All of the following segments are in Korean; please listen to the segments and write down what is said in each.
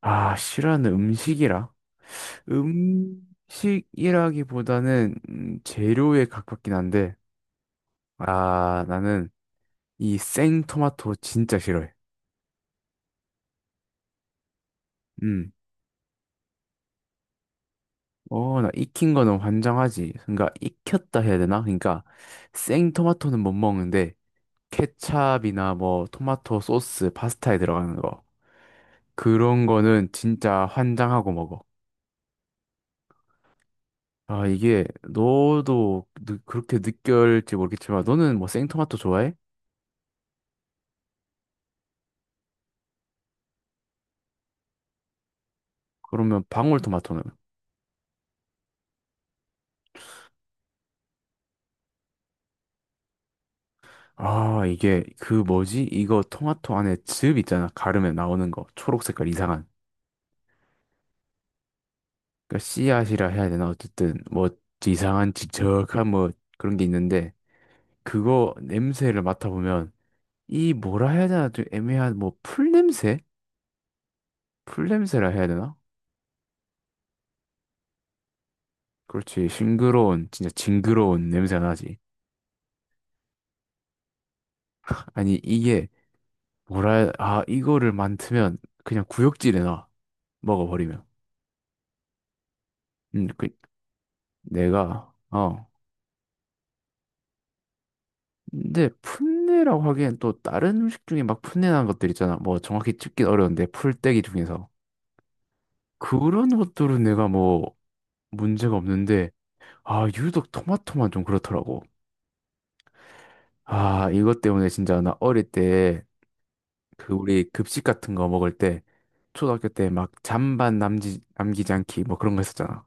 아, 싫어하는 음식이라? 음식이라기보다는 재료에 가깝긴 한데, 아, 나는 이 생토마토 진짜 싫어해. 음. 어, 나 익힌 거는 환장하지. 그러니까 익혔다 해야 되나? 그러니까 생토마토는 못 먹는데, 케찹이나 뭐 토마토 소스, 파스타에 들어가는 거. 그런 거는 진짜 환장하고 먹어. 아, 이게 너도 그렇게 느낄지 모르겠지만, 너는 뭐 생토마토 좋아해? 그러면 방울토마토는? 아, 이게 그 뭐지? 이거 토마토 안에 즙 있잖아. 가르면 나오는 거. 초록 색깔 이상한. 그러니까 씨앗이라 해야 되나? 어쨌든 뭐 이상한 지적한 뭐 그런 게 있는데 그거 냄새를 맡아보면 이 뭐라 해야 되나? 좀 애매한 뭐 풀냄새? 풀냄새라 해야 되나? 그렇지. 싱그러운 진짜 징그러운 냄새가 나지. 아니 이게 아 이거를 맡으면 그냥 구역질에 나 먹어버리면. 그 내가 어. 근데 풋내라고 하기엔 또 다른 음식 중에 막 풋내난 것들 있잖아. 뭐 정확히 찍긴 어려운데 풀떼기 중에서 그런 것들은 내가 뭐 문제가 없는데 아 유독 토마토만 좀 그렇더라고. 아 이것 때문에 진짜 나 어릴 때 그 우리 급식 같은 거 먹을 때 초등학교 때 막 잔반 남지 남기지 않기 뭐 그런 거 했었잖아.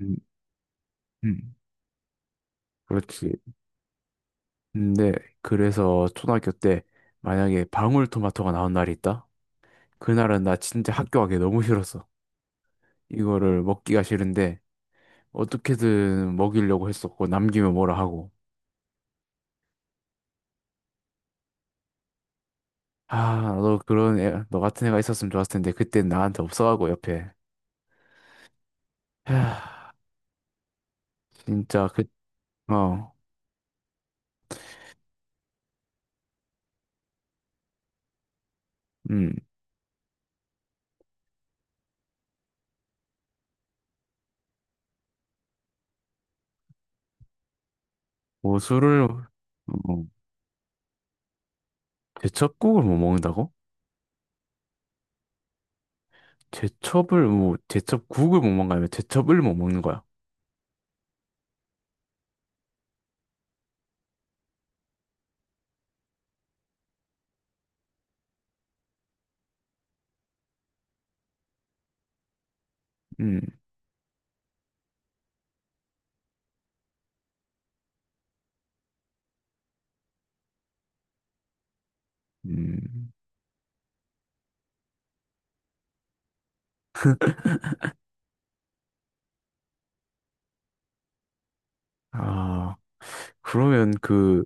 음, 음. 그렇지. 근데 그래서 초등학교 때 만약에 방울토마토가 나온 날이 있다. 그날은 나 진짜 학교 가기 너무 싫었어. 이거를 먹기가 싫은데 어떻게든 먹이려고 했었고 남기면 뭐라 하고 아 너 그런 애, 너 같은 애가 있었으면 좋았을 텐데 그땐 나한테 없어가고 옆에 하, 진짜 그어음 고수를 뭐 술을 뭐, 제첩국을 못 먹는다고? 제첩을 뭐 제첩국을 못 먹는 거 아니 제첩을 못 먹는 거야 음 음. 아 그러면 그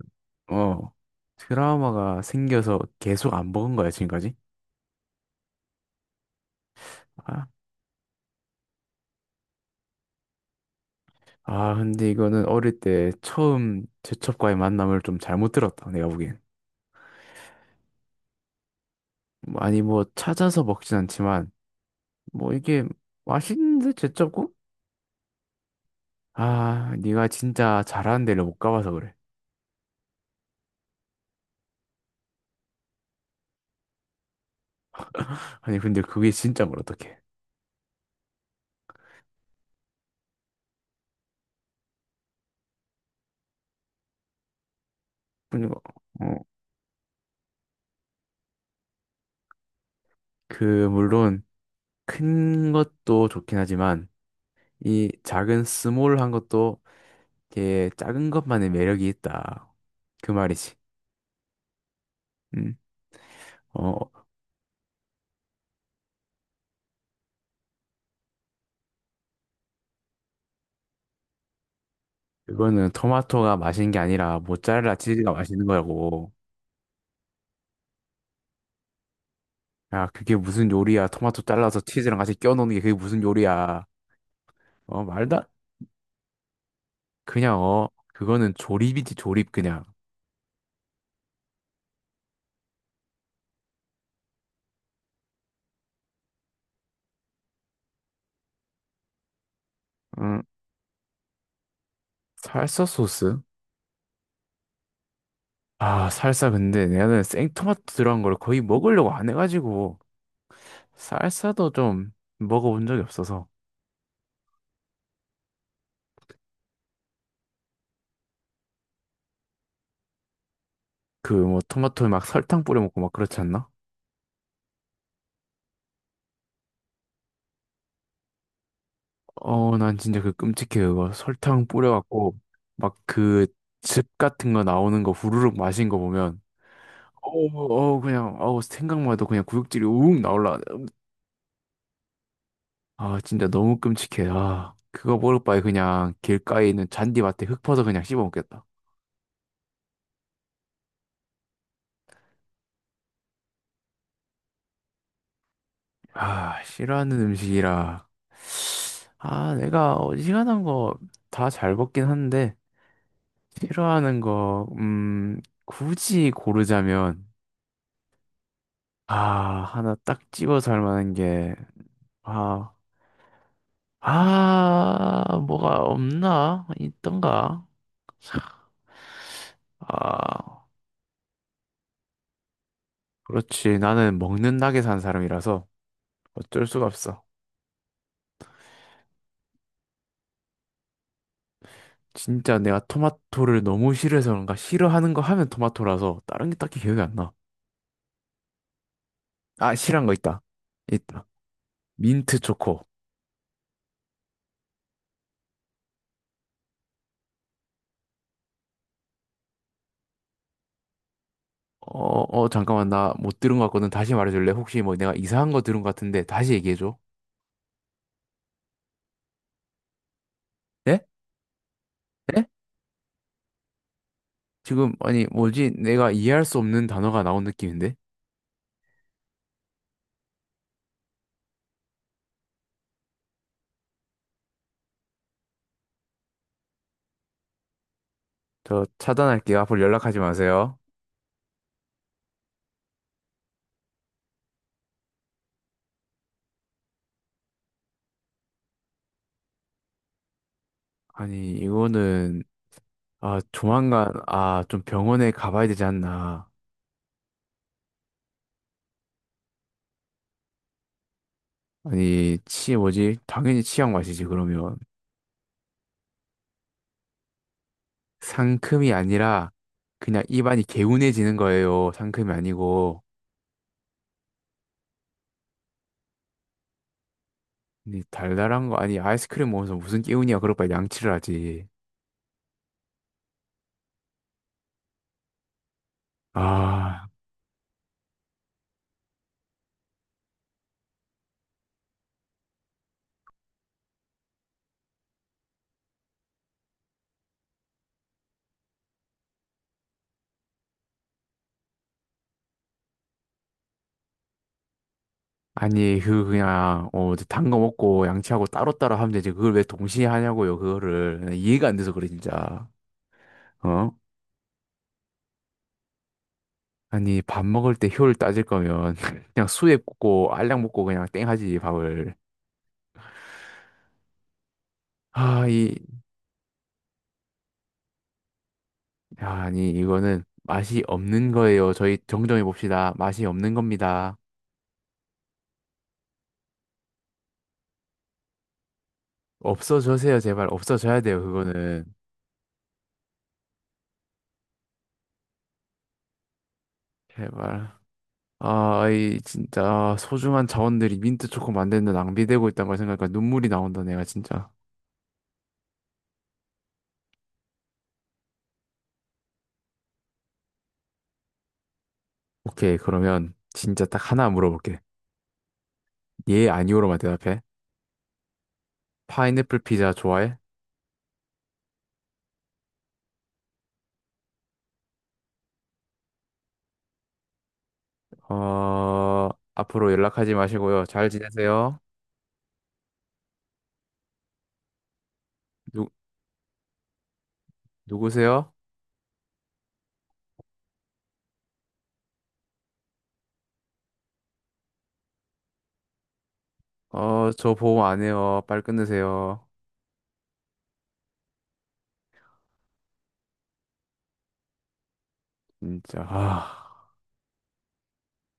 어 트라우마가 생겨서 계속 안 먹은 거야 지금까지? 아. 아, 근데 이거는 어릴 때 처음 제첩과의 만남을 좀 잘못 들었다, 내가 보기엔. 뭐, 아니, 뭐, 찾아서 먹진 않지만, 뭐, 이게 맛있는데 제첩국? 아, 네가 진짜 잘하는 데를 못 가봐서 그래. 아니, 근데 그게 진짜 뭘 어떡해. 그리고, 어, 그, 물론, 큰 것도 좋긴 하지만, 이 작은 스몰한 것도, 이게 작은 것만의 매력이 있다. 그 말이지. 음. 어, 그거는 토마토가 맛있는 게 아니라 모짜렐라 치즈가 맛있는 거라고. 야, 그게 무슨 요리야? 토마토 잘라서 치즈랑 같이 껴 넣는 게 그게 무슨 요리야? 어, 말도 안- 그냥 어, 그거는 조립이지 조립 그냥. 응, 살사 소스? 아, 살사 근데 나는 생토마토 들어간 걸 거의 먹으려고 안 해가지고 살사도 좀 먹어본 적이 없어서 그 뭐 토마토에 막 설탕 뿌려 먹고 막 그렇지 않나? 어, 난 진짜 그 끔찍해, 그거. 설탕 뿌려갖고, 막 그 즙 같은 거 나오는 거 후루룩 마신 거 보면, 어우, 어우, 그냥, 어우, 생각만 해도 그냥 구역질이 우웅 나올라. 아, 진짜 너무 끔찍해. 아, 그거 먹을 바에 그냥 길가에 있는 잔디밭에 흙 퍼서 그냥 씹어 먹겠다. 아, 싫어하는 음식이라. 아, 내가 어지간한 거 다 잘 먹긴 한데, 싫어하는 거, 굳이 고르자면, 아, 하나 딱 집어서 할 만한 게, 아, 아, 뭐가 없나? 있던가? 아, 그렇지. 나는 먹는 낙에 산 사람이라서 어쩔 수가 없어. 진짜 내가 토마토를 너무 싫어서 그런가? 싫어하는 거 하면 토마토라서 다른 게 딱히 기억이 안 나. 아, 싫어한 거 있다. 있다. 민트 초코. 어, 잠깐만. 나 못 들은 것 같거든. 다시 말해줄래? 혹시 뭐 내가 이상한 거 들은 것 같은데 다시 얘기해줘. 네? 네? 지금, 아니, 뭐지? 내가 이해할 수 없는 단어가 나온 느낌인데? 저 차단할게요. 앞으로 연락하지 마세요. 아니, 이거는, 아, 조만간, 아, 좀 병원에 가봐야 되지 않나. 아니, 치, 뭐지? 당연히 치약 마시지, 그러면. 상큼이 아니라, 그냥 입안이 개운해지는 거예요. 상큼이 아니고. 아니, 달달한 거, 아니, 아이스크림 먹으면서 무슨 개운이야. 그럴 바에 양치를 하지. 아, 아니, 그, 그냥, 어, 단 거 먹고 양치하고 따로따로 하면 되지. 그걸 왜 동시에 하냐고요, 그거를. 이해가 안 돼서 그래, 진짜. 어? 아니, 밥 먹을 때 효율 따질 거면 그냥 수액 꽂고 알약 먹고 그냥 땡 하지, 밥을. 아, 이, 아, 아니, 이거는 맛이 없는 거예요. 저희 정정해 봅시다. 맛이 없는 겁니다. 없어져세요, 제발. 없어져야 돼요, 그거는. 제발. 아, 이 진짜 소중한 자원들이 민트 초코 만드는데 낭비되고 있다는 걸 생각하니까 눈물이 나온다, 내가 진짜. 오케이, 그러면 진짜 딱 하나 물어볼게. 예, 아니오로만 대답해. 파인애플 피자 좋아해? 어, 앞으로 연락하지 마시고요. 잘 지내세요. 누, 누구세요? 어, 저 보험 안 해요. 빨리 끊으세요. 진짜. 아.